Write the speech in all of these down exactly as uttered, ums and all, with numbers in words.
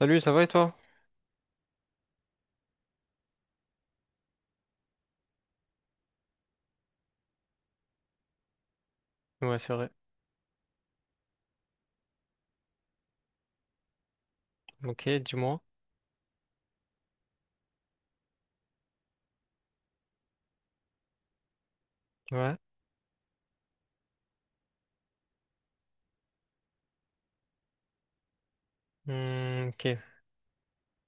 Salut, ça va et toi? Ouais, c'est vrai. Ok, dis-moi. Ouais. Hmm, ok.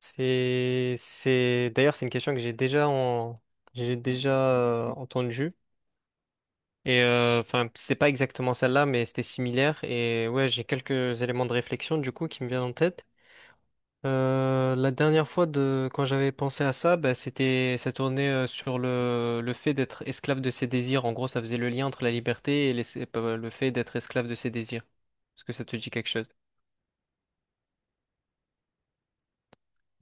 C'est, c'est. D'ailleurs, c'est une question que j'ai déjà en, j'ai déjà euh, entendue. Et euh, enfin, c'est pas exactement celle-là, mais c'était similaire. Et ouais, j'ai quelques éléments de réflexion du coup qui me viennent en tête. Euh, la dernière fois de quand j'avais pensé à ça, bah, c'était, ça tournait euh, sur le le fait d'être esclave de ses désirs. En gros, ça faisait le lien entre la liberté et les- le fait d'être esclave de ses désirs. Est-ce que ça te dit quelque chose?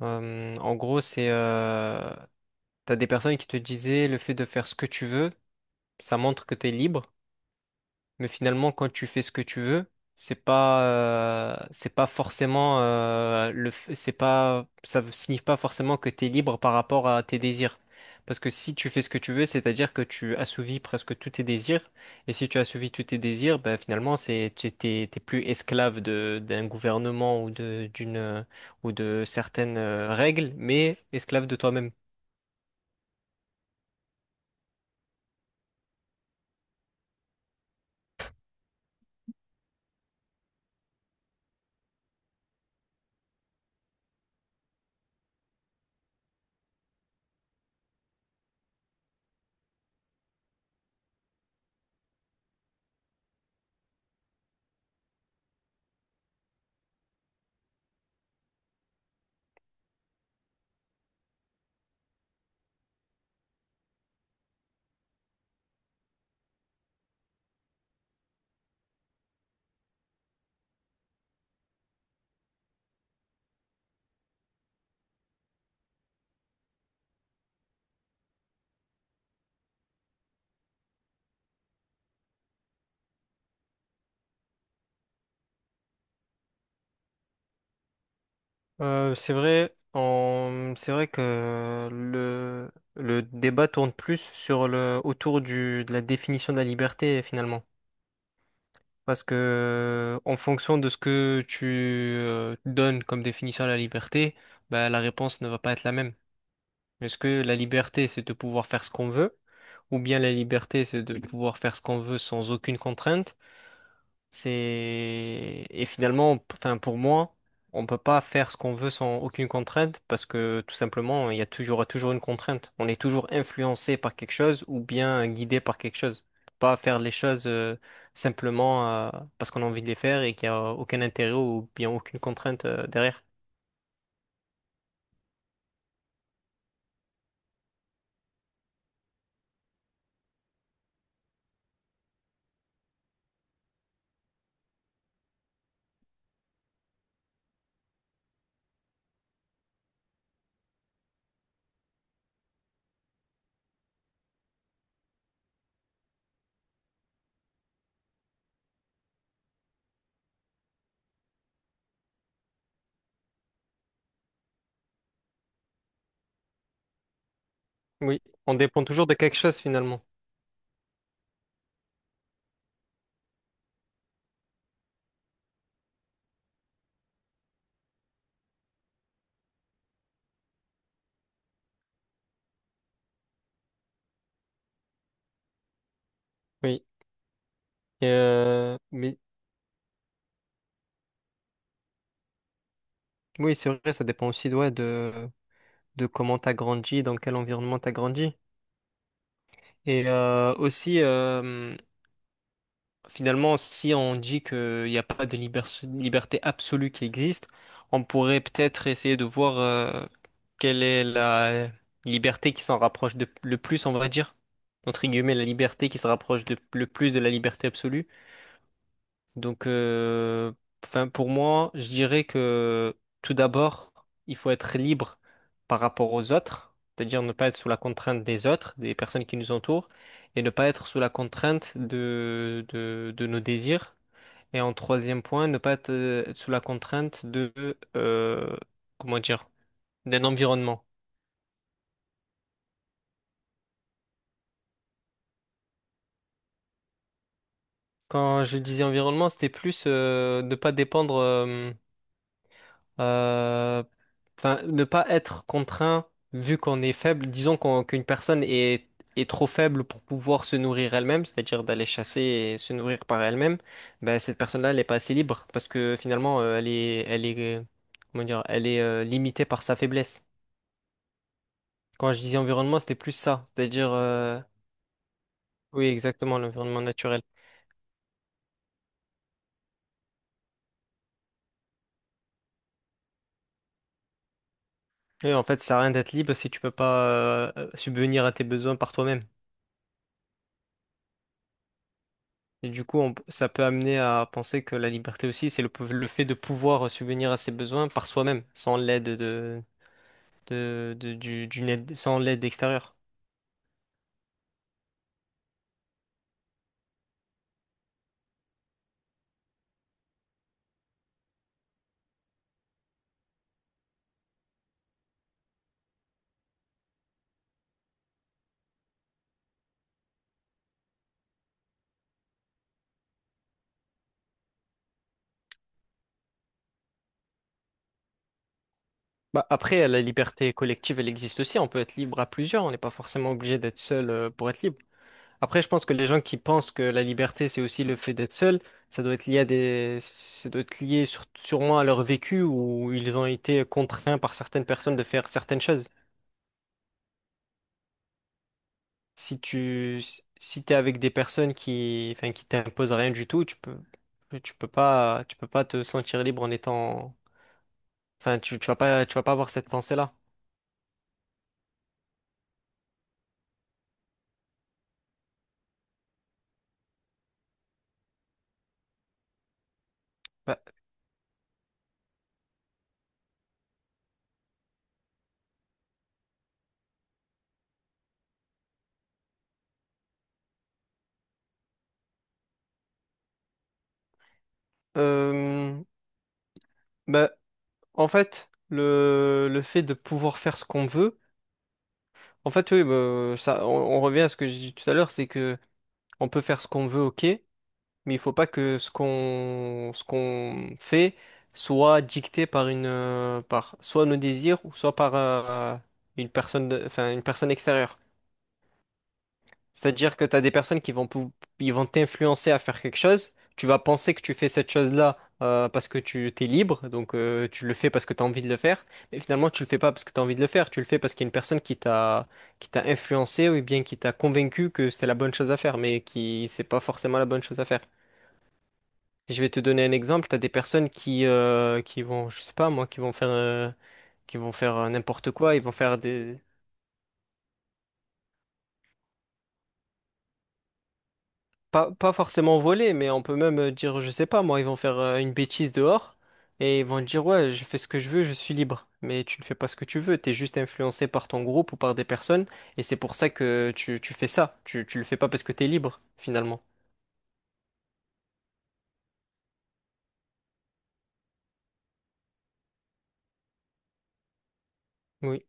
Euh, en gros, c'est euh, t'as des personnes qui te disaient le fait de faire ce que tu veux, ça montre que t'es libre. Mais finalement, quand tu fais ce que tu veux, c'est pas, euh, c'est pas forcément, euh, le, f- c'est pas, ça ne signifie pas forcément que tu es libre par rapport à tes désirs. Parce que si tu fais ce que tu veux, c'est-à-dire que tu assouvis presque tous tes désirs. Et si tu assouvis tous tes désirs, ben finalement, c'est, tu t'es, t'es plus esclave de, d'un gouvernement ou de, d'une, ou de certaines euh, règles, mais esclave de toi-même. Euh, c'est vrai, on- c'est vrai que le, le débat tourne plus sur le, autour du, de la définition de la liberté finalement. Parce que en fonction de ce que tu euh, donnes comme définition à la liberté, bah, la réponse ne va pas être la même. Est-ce que la liberté, c'est de pouvoir faire ce qu'on veut, ou bien la liberté, c'est de pouvoir faire ce qu'on veut sans aucune contrainte? C'est et finalement, p- enfin pour moi, on peut pas faire ce qu'on veut sans aucune contrainte parce que tout simplement, il y a toujours, il y aura toujours une contrainte. On est toujours influencé par quelque chose ou bien guidé par quelque chose. Pas faire les choses euh, simplement euh, parce qu'on a envie de les faire et qu'il n'y a aucun intérêt ou bien aucune contrainte euh, derrière. Oui, on dépend toujours de quelque chose finalement. Oui. Et, euh, mais oui, c'est vrai, ça dépend aussi ouais, de de comment t'as grandi, dans quel environnement t'as grandi. Et euh, aussi, euh, finalement, si on dit qu'il n'y a pas de liber- liberté absolue qui existe, on pourrait peut-être essayer de voir euh, quelle est la liberté qui s'en rapproche de, le plus, on va dire, entre guillemets, la liberté qui se rapproche de, le plus de la liberté absolue. Donc, euh, enfin, pour moi, je dirais que tout d'abord, il faut être libre par rapport aux autres, c'est-à-dire ne pas être sous la contrainte des autres, des personnes qui nous entourent, et ne pas être sous la contrainte de, de, de nos désirs. Et en troisième point, ne pas être euh, sous la contrainte de, euh, comment dire, d'un environnement. Quand je disais environnement, c'était plus euh, ne pas dépendre. euh, euh, enfin, ne pas être contraint vu qu'on est faible. Disons qu'on- qu'une personne est, est trop faible pour pouvoir se nourrir elle-même, c'est-à-dire d'aller chasser et se nourrir par elle-même. Ben, cette personne-là, elle n'est pas assez libre parce que finalement, euh, elle est, elle est, euh, comment dire, elle est euh, limitée par sa faiblesse. Quand je disais environnement, c'était plus ça, c'est-à-dire, euh, oui, exactement, l'environnement naturel. Et en fait, ça sert à rien d'être libre si tu peux pas euh, subvenir à tes besoins par toi-même. Et du coup, on- ça peut amener à penser que la liberté aussi, c'est le, pou- le fait de pouvoir subvenir à ses besoins par soi-même, sans l'aide de, de, de- du, d'une aide, sans l'aide extérieure. Bah, après, la liberté collective, elle existe aussi. On peut être libre à plusieurs. On n'est pas forcément obligé d'être seul euh, pour être libre. Après, je pense que les gens qui pensent que la liberté, c'est aussi le fait d'être seul, ça doit être lié à des, ça doit être lié sur- sûrement à leur vécu où ils ont été contraints par certaines personnes de faire certaines choses. Si tu si t'es avec des personnes qui enfin qui t'imposent rien du tout, tu peux tu peux pas tu peux pas te sentir libre en étant enfin tu, tu vas pas tu vas pas avoir cette pensée-là. Bah, euh, bah, en fait le le fait de pouvoir faire ce qu'on veut, en fait oui bah, ça on, on revient à ce que j'ai dit tout à l'heure, c'est que on peut faire ce qu'on veut, OK, mais il faut pas que ce qu'on ce qu'on fait soit dicté par une euh, par soit nos désirs ou soit par euh, une personne de- enfin une personne extérieure. C'est-à-dire que tu as des personnes qui vont pou- ils vont t'influencer à faire quelque chose, tu vas penser que tu fais cette chose-là euh, parce que tu t'es libre, donc euh, tu le fais parce que tu as envie de le faire, mais finalement tu le fais pas parce que tu as envie de le faire, tu le fais parce qu'il y a une personne qui t'a qui t'a influencé ou bien qui t'a convaincu que c'était la bonne chose à faire mais qui c'est pas forcément la bonne chose à faire. Je vais te donner un exemple. T'as des personnes qui, euh, qui vont, je sais pas moi, qui vont faire, euh, qui vont faire euh, n'importe quoi. Ils vont faire des, pas, pas forcément voler, mais on peut même euh, dire, je sais pas moi, ils vont faire euh, une bêtise dehors et ils vont te dire, ouais, je fais ce que je veux, je suis libre. Mais tu ne fais pas ce que tu veux. T'es juste influencé par ton groupe ou par des personnes et c'est pour ça que tu, tu fais ça. Tu, tu le fais pas parce que t'es libre finalement. Oui.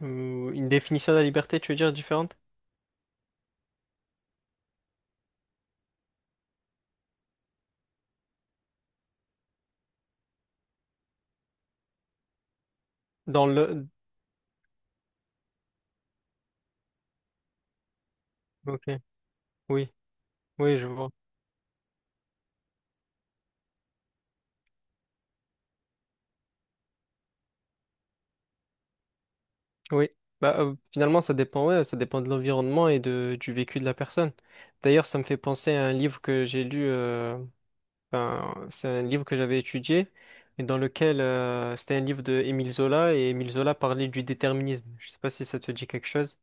Ou une définition de la liberté, tu veux dire différente? Dans le, ok. Oui. Oui, je vois. Oui, bah, euh, finalement, ça dépend, ouais, ça dépend de l'environnement et de, du vécu de la personne. D'ailleurs, ça me fait penser à un livre que j'ai lu, euh, ben, c'est un livre que j'avais étudié, et dans lequel euh, c'était un livre de Émile Zola, et Émile Zola parlait du déterminisme. Je sais pas si ça te dit quelque chose.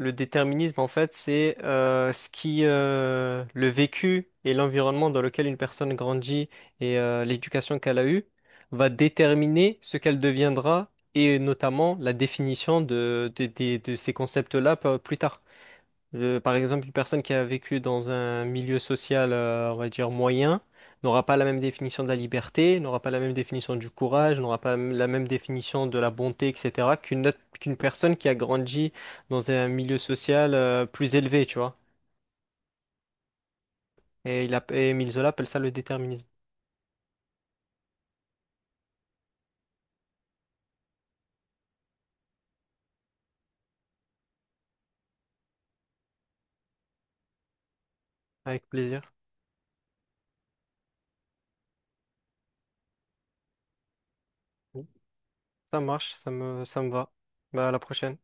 Le déterminisme, en fait, c'est euh, ce qui, euh, le vécu et l'environnement dans lequel une personne grandit et euh, l'éducation qu'elle a eue va déterminer ce qu'elle deviendra et notamment la définition de, de, de- de ces concepts-là p- plus tard. Euh, par exemple, une personne qui a vécu dans un milieu social, euh, on va dire moyen, n'aura pas la même définition de la liberté, n'aura pas la même définition du courage, n'aura pas la même définition de la bonté, et cetera, qu'une autre- qu'une personne qui a grandi dans un milieu social, euh, plus élevé, tu vois. Et il app- et Émile Zola appelle ça le déterminisme. Avec plaisir. Ça marche, ça me, ça me va. Bah, à la prochaine.